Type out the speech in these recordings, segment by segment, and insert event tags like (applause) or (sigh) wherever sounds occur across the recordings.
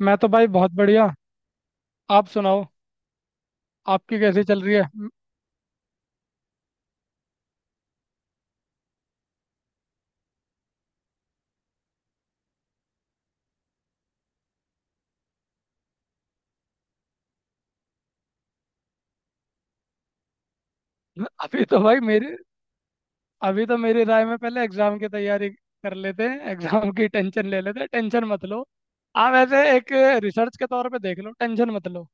मैं तो भाई बहुत बढ़िया। आप सुनाओ। आपकी कैसी चल रही है? अभी तो भाई मेरे, अभी तो मेरी राय में पहले एग्जाम की तैयारी कर लेते हैं, एग्जाम की टेंशन ले लेते हैं। टेंशन मत लो। आप ऐसे एक रिसर्च के तौर पे देख लो, टेंशन मत लो।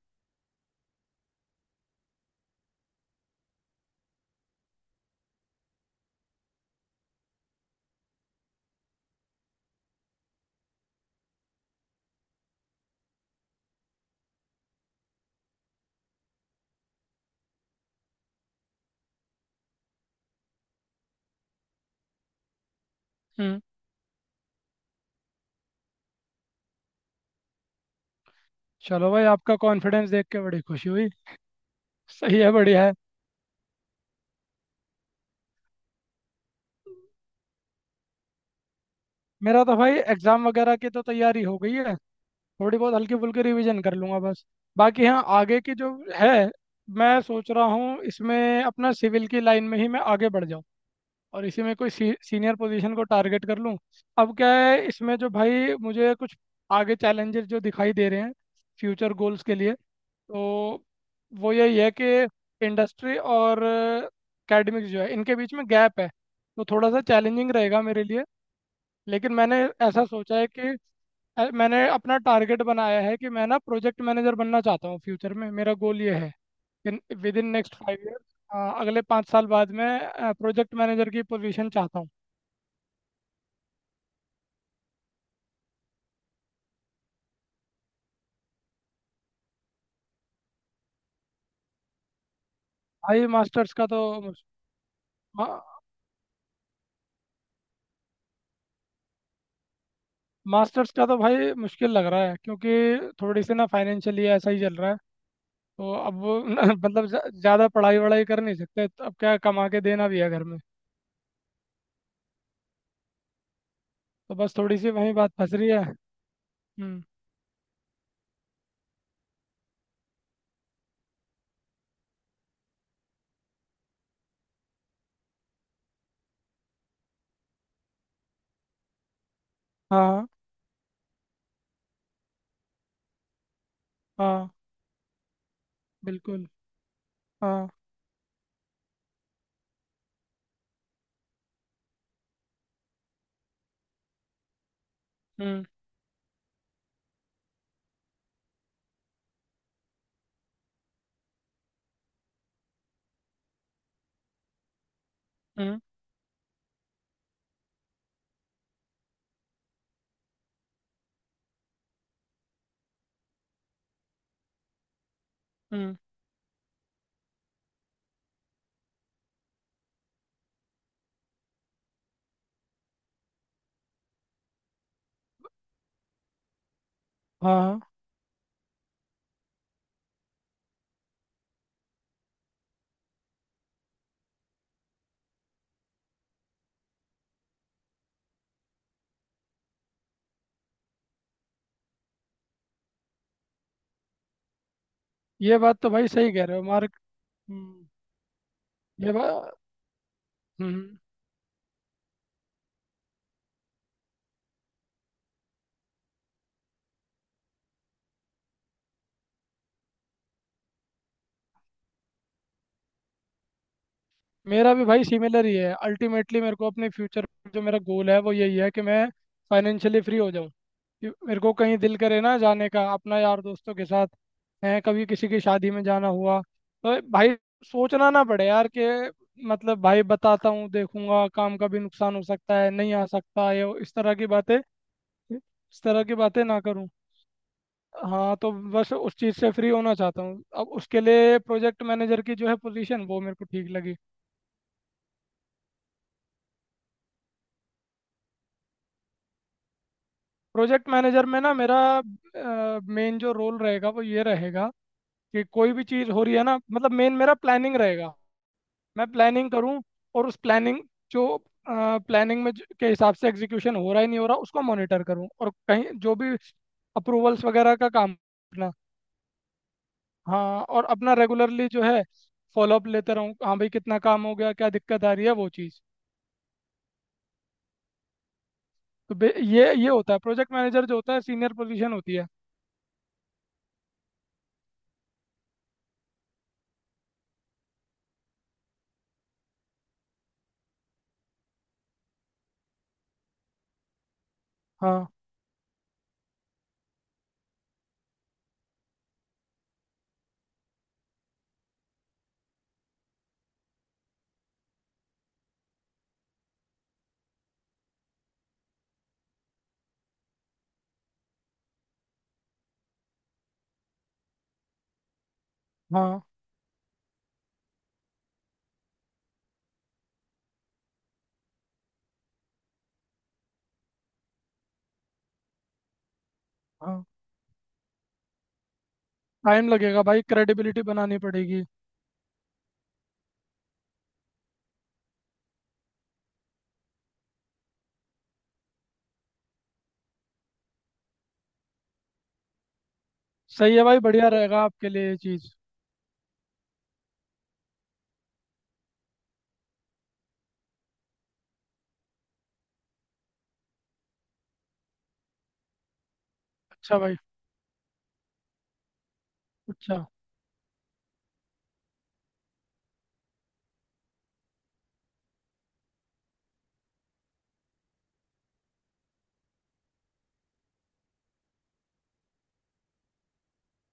हम्म। चलो भाई, आपका कॉन्फिडेंस देख के बड़ी खुशी हुई। सही है, बढ़िया है। मेरा तो भाई एग्जाम वगैरह की तो तैयारी हो गई है। थोड़ी बहुत हल्की फुल्की रिवीजन कर लूंगा बस। बाकी हाँ, आगे की जो है, मैं सोच रहा हूँ इसमें अपना सिविल की लाइन में ही मैं आगे बढ़ जाऊँ और इसी में कोई सीनियर पोजीशन को टारगेट कर लूँ। अब क्या है इसमें, जो भाई मुझे कुछ आगे चैलेंजेस जो दिखाई दे रहे हैं फ्यूचर गोल्स के लिए, तो वो यही है कि इंडस्ट्री और एकेडमिक्स जो है, इनके बीच में गैप है। तो थोड़ा सा चैलेंजिंग रहेगा मेरे लिए। लेकिन मैंने ऐसा सोचा है कि मैंने अपना टारगेट बनाया है कि मैं ना प्रोजेक्ट मैनेजर बनना चाहता हूँ। फ्यूचर में मेरा गोल ये है कि विद इन नेक्स्ट 5 ईयर्स, अगले 5 साल बाद मैं प्रोजेक्ट मैनेजर की पोजीशन चाहता हूँ। भाई मास्टर्स का तो मा, मास्टर्स का तो भाई मुश्किल लग रहा है क्योंकि थोड़ी सी ना फाइनेंशियली ऐसा ही चल रहा है। तो अब वो (laughs) मतलब ज़्यादा पढ़ाई वढ़ाई कर नहीं सकते। तो अब क्या, कमा के देना भी है घर में। तो बस थोड़ी सी वही बात फंस रही है। हम्म। हाँ हाँ, बिल्कुल। हाँ। हम्म। हम्म। हम्म। हाँ। ये बात तो भाई सही कह रहे हो मार्क। हम्म, ये बात। हम्म। मेरा भी भाई सिमिलर ही है। अल्टीमेटली मेरे को अपने फ्यूचर, जो मेरा गोल है वो यही है कि मैं फाइनेंशियली फ्री हो जाऊँ। कि मेरे को कहीं दिल करे ना जाने का अपना यार दोस्तों के साथ, है कभी किसी की शादी में जाना हुआ, तो भाई सोचना ना पड़े यार कि मतलब भाई बताता हूँ, देखूंगा, काम का भी नुकसान हो सकता है, नहीं आ सकता, इस तरह की बातें, इस तरह की बातें ना करूँ। हाँ, तो बस उस चीज़ से फ्री होना चाहता हूँ। अब उसके लिए प्रोजेक्ट मैनेजर की जो है पोजीशन, वो मेरे को ठीक लगी। प्रोजेक्ट मैनेजर में ना मेरा मेन जो रोल रहेगा वो ये रहेगा कि कोई भी चीज़ हो रही है ना, मतलब मेन मेरा प्लानिंग रहेगा। मैं प्लानिंग करूँ और उस प्लानिंग, जो प्लानिंग में के हिसाब से एग्जीक्यूशन हो रहा है नहीं हो रहा, उसको मॉनिटर करूँ। और कहीं जो भी अप्रूवल्स वगैरह का काम अपना, हाँ, और अपना रेगुलरली जो है फॉलोअप लेते रहूँ। हाँ भाई, कितना काम हो गया, क्या दिक्कत आ रही है, वो चीज़। तो ये होता है। प्रोजेक्ट मैनेजर जो होता है, सीनियर पोजीशन होती है। हाँ हाँ हाँ। टाइम लगेगा भाई, क्रेडिबिलिटी बनानी पड़ेगी। सही है भाई, बढ़िया रहेगा आपके लिए ये चीज़। अच्छा भाई। अच्छा।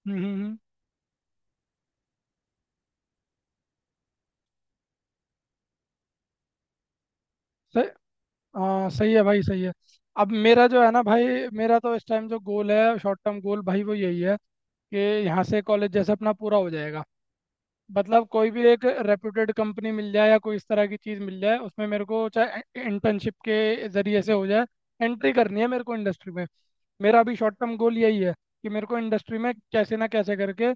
हम्म। सही। हाँ सही है भाई, सही है। अब मेरा जो है ना भाई, मेरा तो इस टाइम जो गोल है शॉर्ट टर्म गोल भाई, वो यही है कि यहाँ से कॉलेज जैसे अपना पूरा हो जाएगा, मतलब कोई भी एक रेप्यूटेड कंपनी मिल जाए या कोई इस तरह की चीज़ मिल जाए उसमें, मेरे को चाहे इंटर्नशिप के ज़रिए से हो जाए, एंट्री करनी है मेरे को इंडस्ट्री में। मेरा अभी शॉर्ट टर्म गोल यही है कि मेरे को इंडस्ट्री में कैसे ना कैसे करके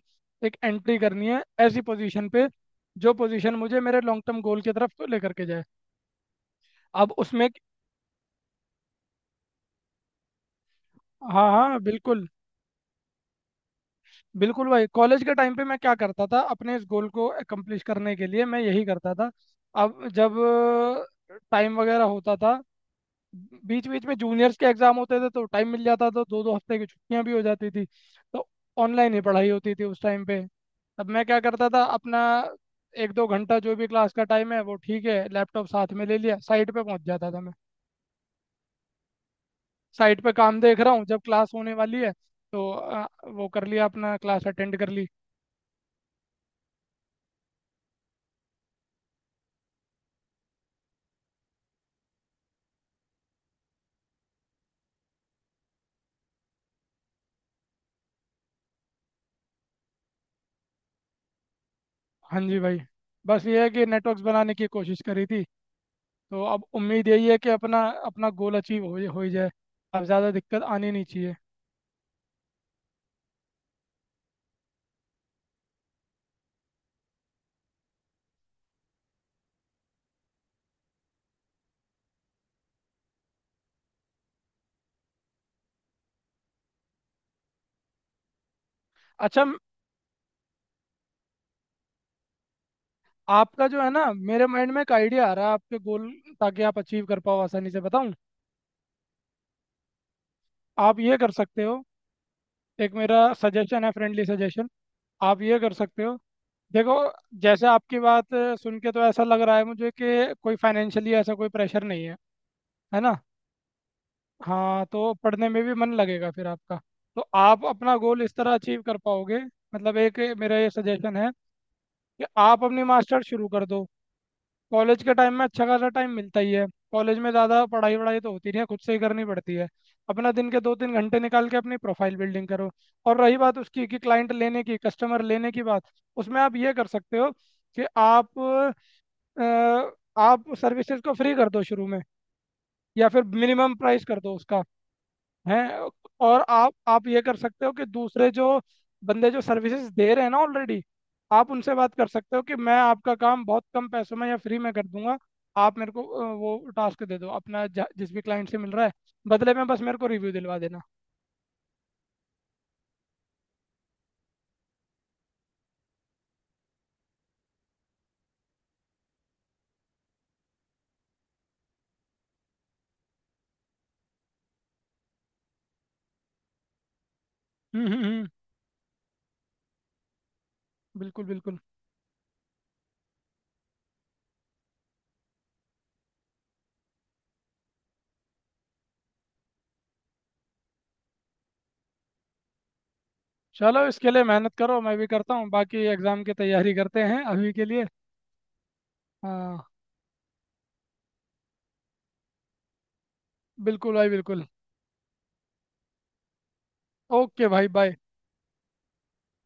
एक एंट्री करनी है ऐसी पोजीशन पे, जो पोजीशन मुझे मेरे लॉन्ग टर्म गोल की तरफ लेकर के जाए। अब उसमें, हाँ हाँ बिल्कुल। बिल्कुल भाई, कॉलेज के टाइम पे मैं क्या करता था अपने इस गोल को अकम्प्लिश करने के लिए, मैं यही करता था। अब जब टाइम वगैरह होता था, बीच बीच में जूनियर्स के एग्जाम होते थे तो टाइम मिल जाता था, दो दो हफ्ते की छुट्टियां भी हो जाती थी, तो ऑनलाइन ही पढ़ाई होती थी उस टाइम पे। तब मैं क्या करता था अपना, 1-2 घंटा जो भी क्लास का टाइम है वो ठीक है, लैपटॉप साथ में ले लिया, साइट पे पहुंच जाता था मैं। साइट पे काम देख रहा हूँ, जब क्लास होने वाली है तो वो कर लिया, अपना क्लास अटेंड कर ली। हाँ जी भाई। बस ये है कि नेटवर्क्स बनाने की कोशिश करी थी, तो अब उम्मीद यही है कि अपना, अपना गोल अचीव हो ही जाए। अब ज़्यादा दिक्कत आनी नहीं चाहिए। अच्छा। आपका जो है ना, मेरे माइंड में एक आइडिया आ रहा है आपके गोल, ताकि आप अचीव कर पाओ आसानी से, बताऊं? आप ये कर सकते हो। एक मेरा सजेशन है, फ्रेंडली सजेशन। आप ये कर सकते हो। देखो, जैसे आपकी बात सुन के तो ऐसा लग रहा है मुझे कि कोई फाइनेंशियली ऐसा कोई प्रेशर नहीं है, है ना? हाँ, तो पढ़ने में भी मन लगेगा फिर आपका। तो आप अपना गोल इस तरह अचीव कर पाओगे। मतलब एक मेरा ये सजेशन है कि आप अपनी मास्टर्स शुरू कर दो। कॉलेज के टाइम में अच्छा खासा टाइम मिलता ही है। कॉलेज में ज़्यादा पढ़ाई वढ़ाई तो होती नहीं है, खुद से ही करनी पड़ती है। अपना दिन के 2-3 घंटे निकाल के अपनी प्रोफाइल बिल्डिंग करो। और रही बात उसकी कि क्लाइंट लेने की कस्टमर लेने की बात, उसमें आप ये कर सकते हो कि आप अ, आप सर्विसेज को फ्री कर दो शुरू में, या फिर मिनिमम प्राइस कर दो उसका। हैं। और आप ये कर सकते हो कि दूसरे जो बंदे जो सर्विसेज दे रहे हैं ना ऑलरेडी, आप उनसे बात कर सकते हो कि मैं आपका काम बहुत कम पैसों में या फ्री में कर दूंगा। आप मेरे को वो टास्क दे दो अपना, जिस भी क्लाइंट से मिल रहा है, बदले में बस मेरे को रिव्यू दिलवा देना। हम्म। बिल्कुल बिल्कुल। चलो, इसके लिए मेहनत करो, मैं भी करता हूँ। बाकी एग्ज़ाम की तैयारी करते हैं अभी के लिए। हाँ बिल्कुल भाई, बिल्कुल। ओके भाई, बाय।